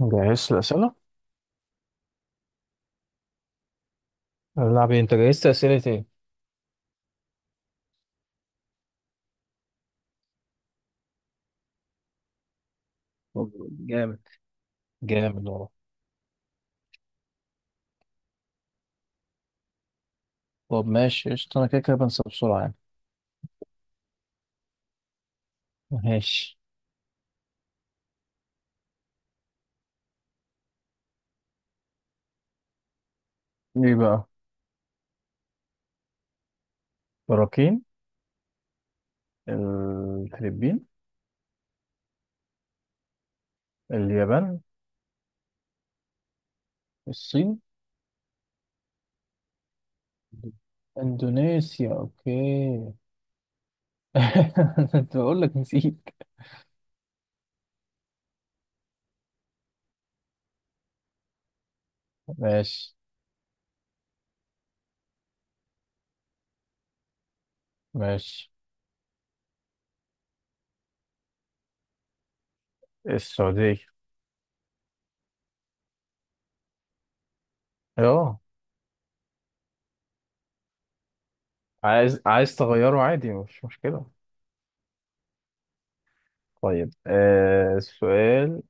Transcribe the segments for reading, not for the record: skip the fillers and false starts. جهزت الأسئلة؟ نلعب إيه؟ أنت جهزت أسئلة إيه؟ طب، جامد. جامد والله. طب ماشي قشطة، أنا كده كده بنسى بسرعة يعني. ماشي. إيه بقى؟ براكين. الفلبين. اليابان. الصين. إندونيسيا أوكي. أنت بقول لك نسيت. ماشي، ماشي. السعودية. أه. عايز تغيره، عادي، مش مشكلة. طيب آه، السؤال.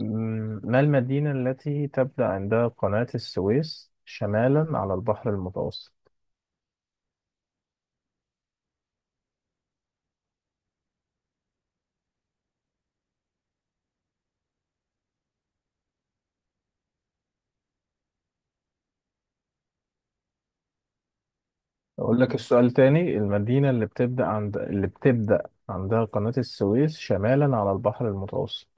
مم، ما المدينة التي تبدأ عندها قناة السويس شمالا على البحر المتوسط؟ أقول لك السؤال تاني. المدينة اللي بتبدأ عندها قناة السويس شمالا على البحر المتوسط.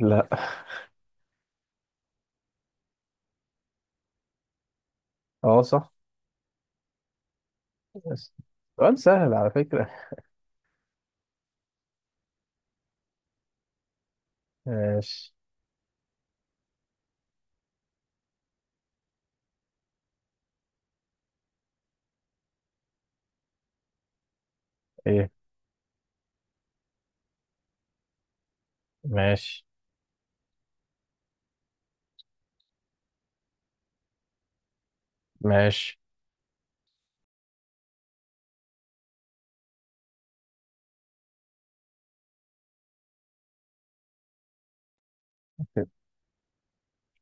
لا. اه صح. بس سؤال سهل على فكرة. ماشي. ايه؟ ماشي، ماشي.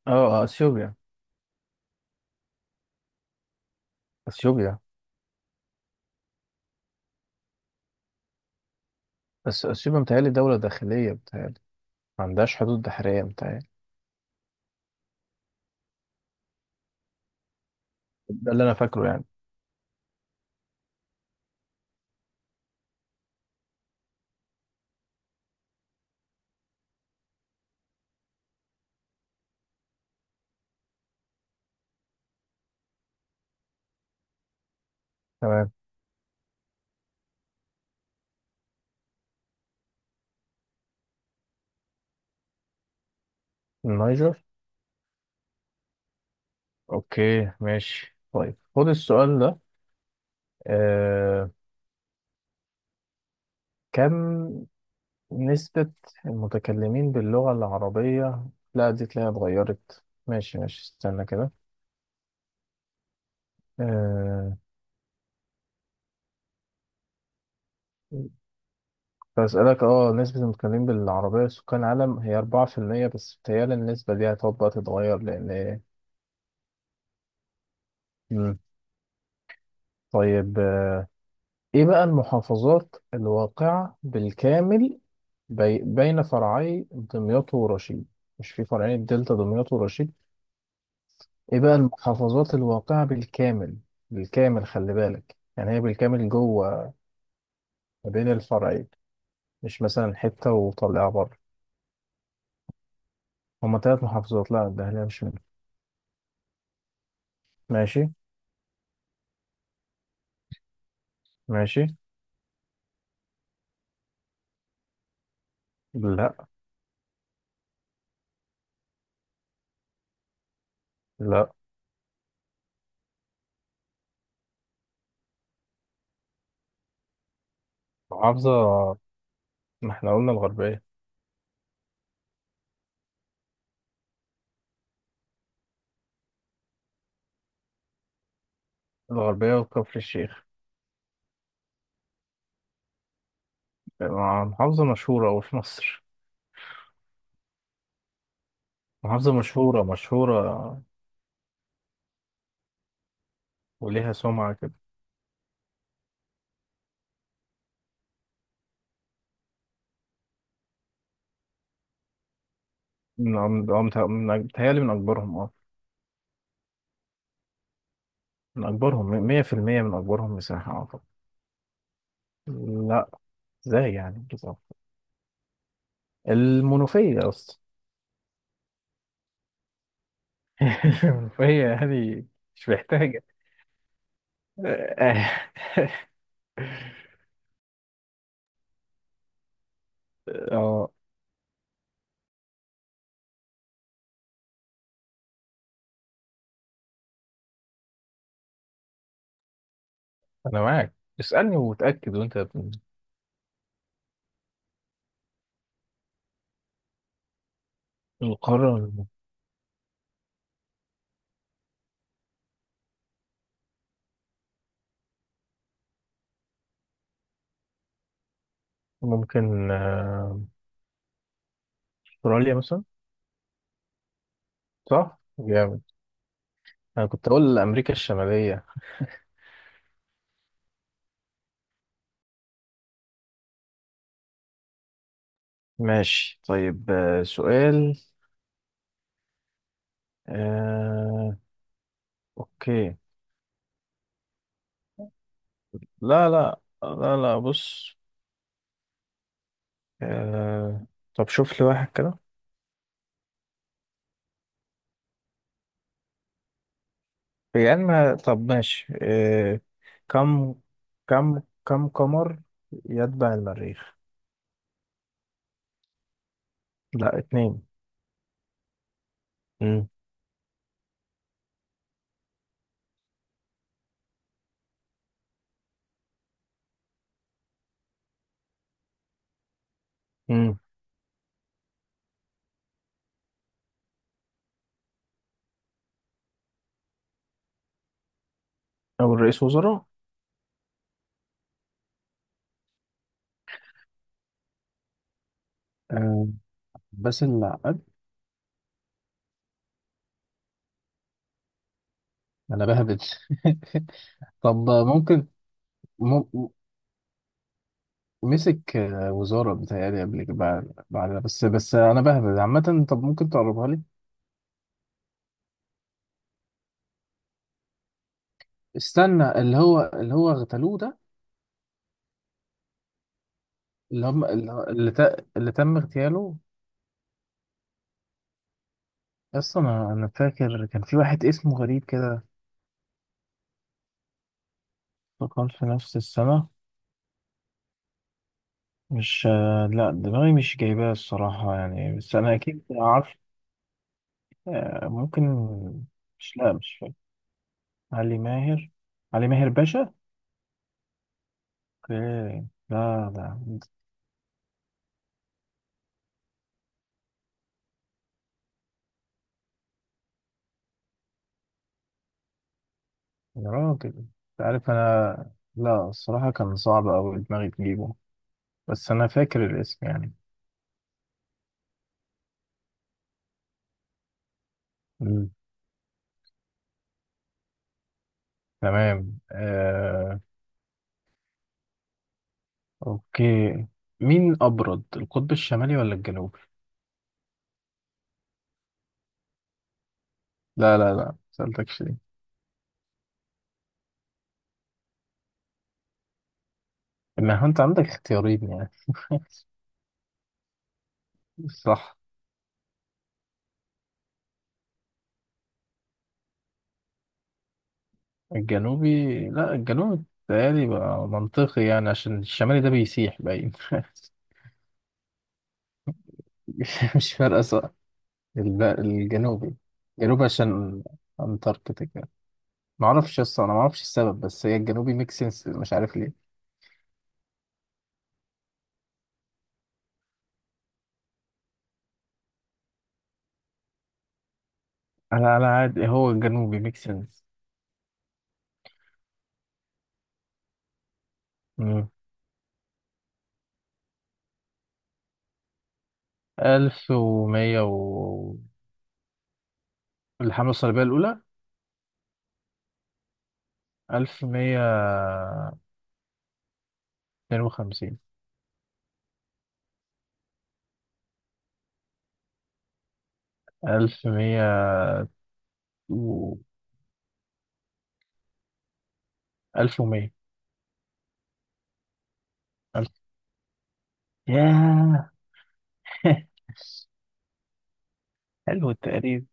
اه، اثيوبيا. اثيوبيا. بس اثيوبيا متهيألي دولة داخلية، متهيألي ما عندهاش حدود بحرية متهيألي. ده اللي انا فاكره يعني. تمام. النيجر. اوكي ماشي، طيب خد السؤال ده. آه، كم نسبة المتكلمين باللغة العربية؟ لا دي تلاقيها اتغيرت، ماشي ماشي استنى كده. آه، بسألك اه، نسبة المتكلمين بالعربية سكان العالم هي 4%، بس بتهيألي النسبة دي هتقعد بقى تتغير لأن... مم. طيب آه، ايه بقى المحافظات الواقعة بالكامل بين فرعي دمياط ورشيد؟ مش في فرعين الدلتا، دمياط ورشيد؟ ايه بقى المحافظات الواقعة بالكامل، بالكامل خلي بالك، يعني هي بالكامل جوه ما بين الفرعين، مش مثلا حتة وطلعها بره. هما تلات محافظات. لا، الدهلية مش منهم. ماشي. ماشي. لا، لا. محافظة. ما احنا قلنا الغربية. الغربية وكفر الشيخ. محافظة مشهورة أوي في مصر. محافظة مشهورة، مشهورة. وليها سمعة كده. من متهيألي متهيألي من أكبرهم اه. من أكبرهم 100%. من أكبرهم مساحة أعتقد. لا. ازاي يعني؟ المنوفية يا اسطى. فهي يعني، مش محتاجة. اه، انا معاك. اسألني وتأكد، القارة. ممكن آه، أستراليا مثلا. صح، جامد. انا كنت اقول امريكا الشمالية. ماشي طيب آه، سؤال. آه، أوكي. لا لا لا لا، بص. آه، طب شوف لي واحد كده. يعني ما طب ماشي إيه... كم كم كم قمر يتبع المريخ؟ لا، اتنين. مم. امم او الرئيس وزراء. آه، بس العقد. انا بهبد. طب ممكن. مم... مسك آه، وزارة بتهيألي قبل كده، بعد بعدها، بس انا بهبد عامة. طب ممكن تقربها لي. استنى، اللي هو اغتالوه ده. اللي هم اللي تم اغتياله. اصلا أنا فاكر كان في واحد اسمه غريب. تقال في نفس السنة. مش آه، لا دماغي مش جايباه الصراحة يعني، بس أنا أكيد عارف. آه، ممكن. مش، لا مش فاكر. علي ماهر. علي ماهر باشا. أوكي، لا ده. يا راجل أنت. عارف أنا، لا الصراحة كان صعب أوي دماغي تجيبه. بس أنا فاكر الاسم يعني. مم. تمام آه... أوكي. مين أبرد، القطب الشمالي ولا الجنوبي؟ لا لا لا، مسألتكش دي. ما هو أنت عندك اختيارين يعني. صح. الجنوبي، لا الجنوبي بيتهيألي بقى منطقي يعني عشان الشمالي ده بيسيح باين. مش، مش فارقة صح. الجنوبي. الجنوبي عشان أنتاركتيكا. معرفش أصلا، أنا معرفش السبب، بس هي الجنوبي ميك سنس، مش عارف ليه. على عادي، هو الجنوبي ميك سنس. مم. ألف ومية و... الحملة الصليبية الأولى. 1152. ألف مية و... 1100. ألف. ياه. حلو التقريب.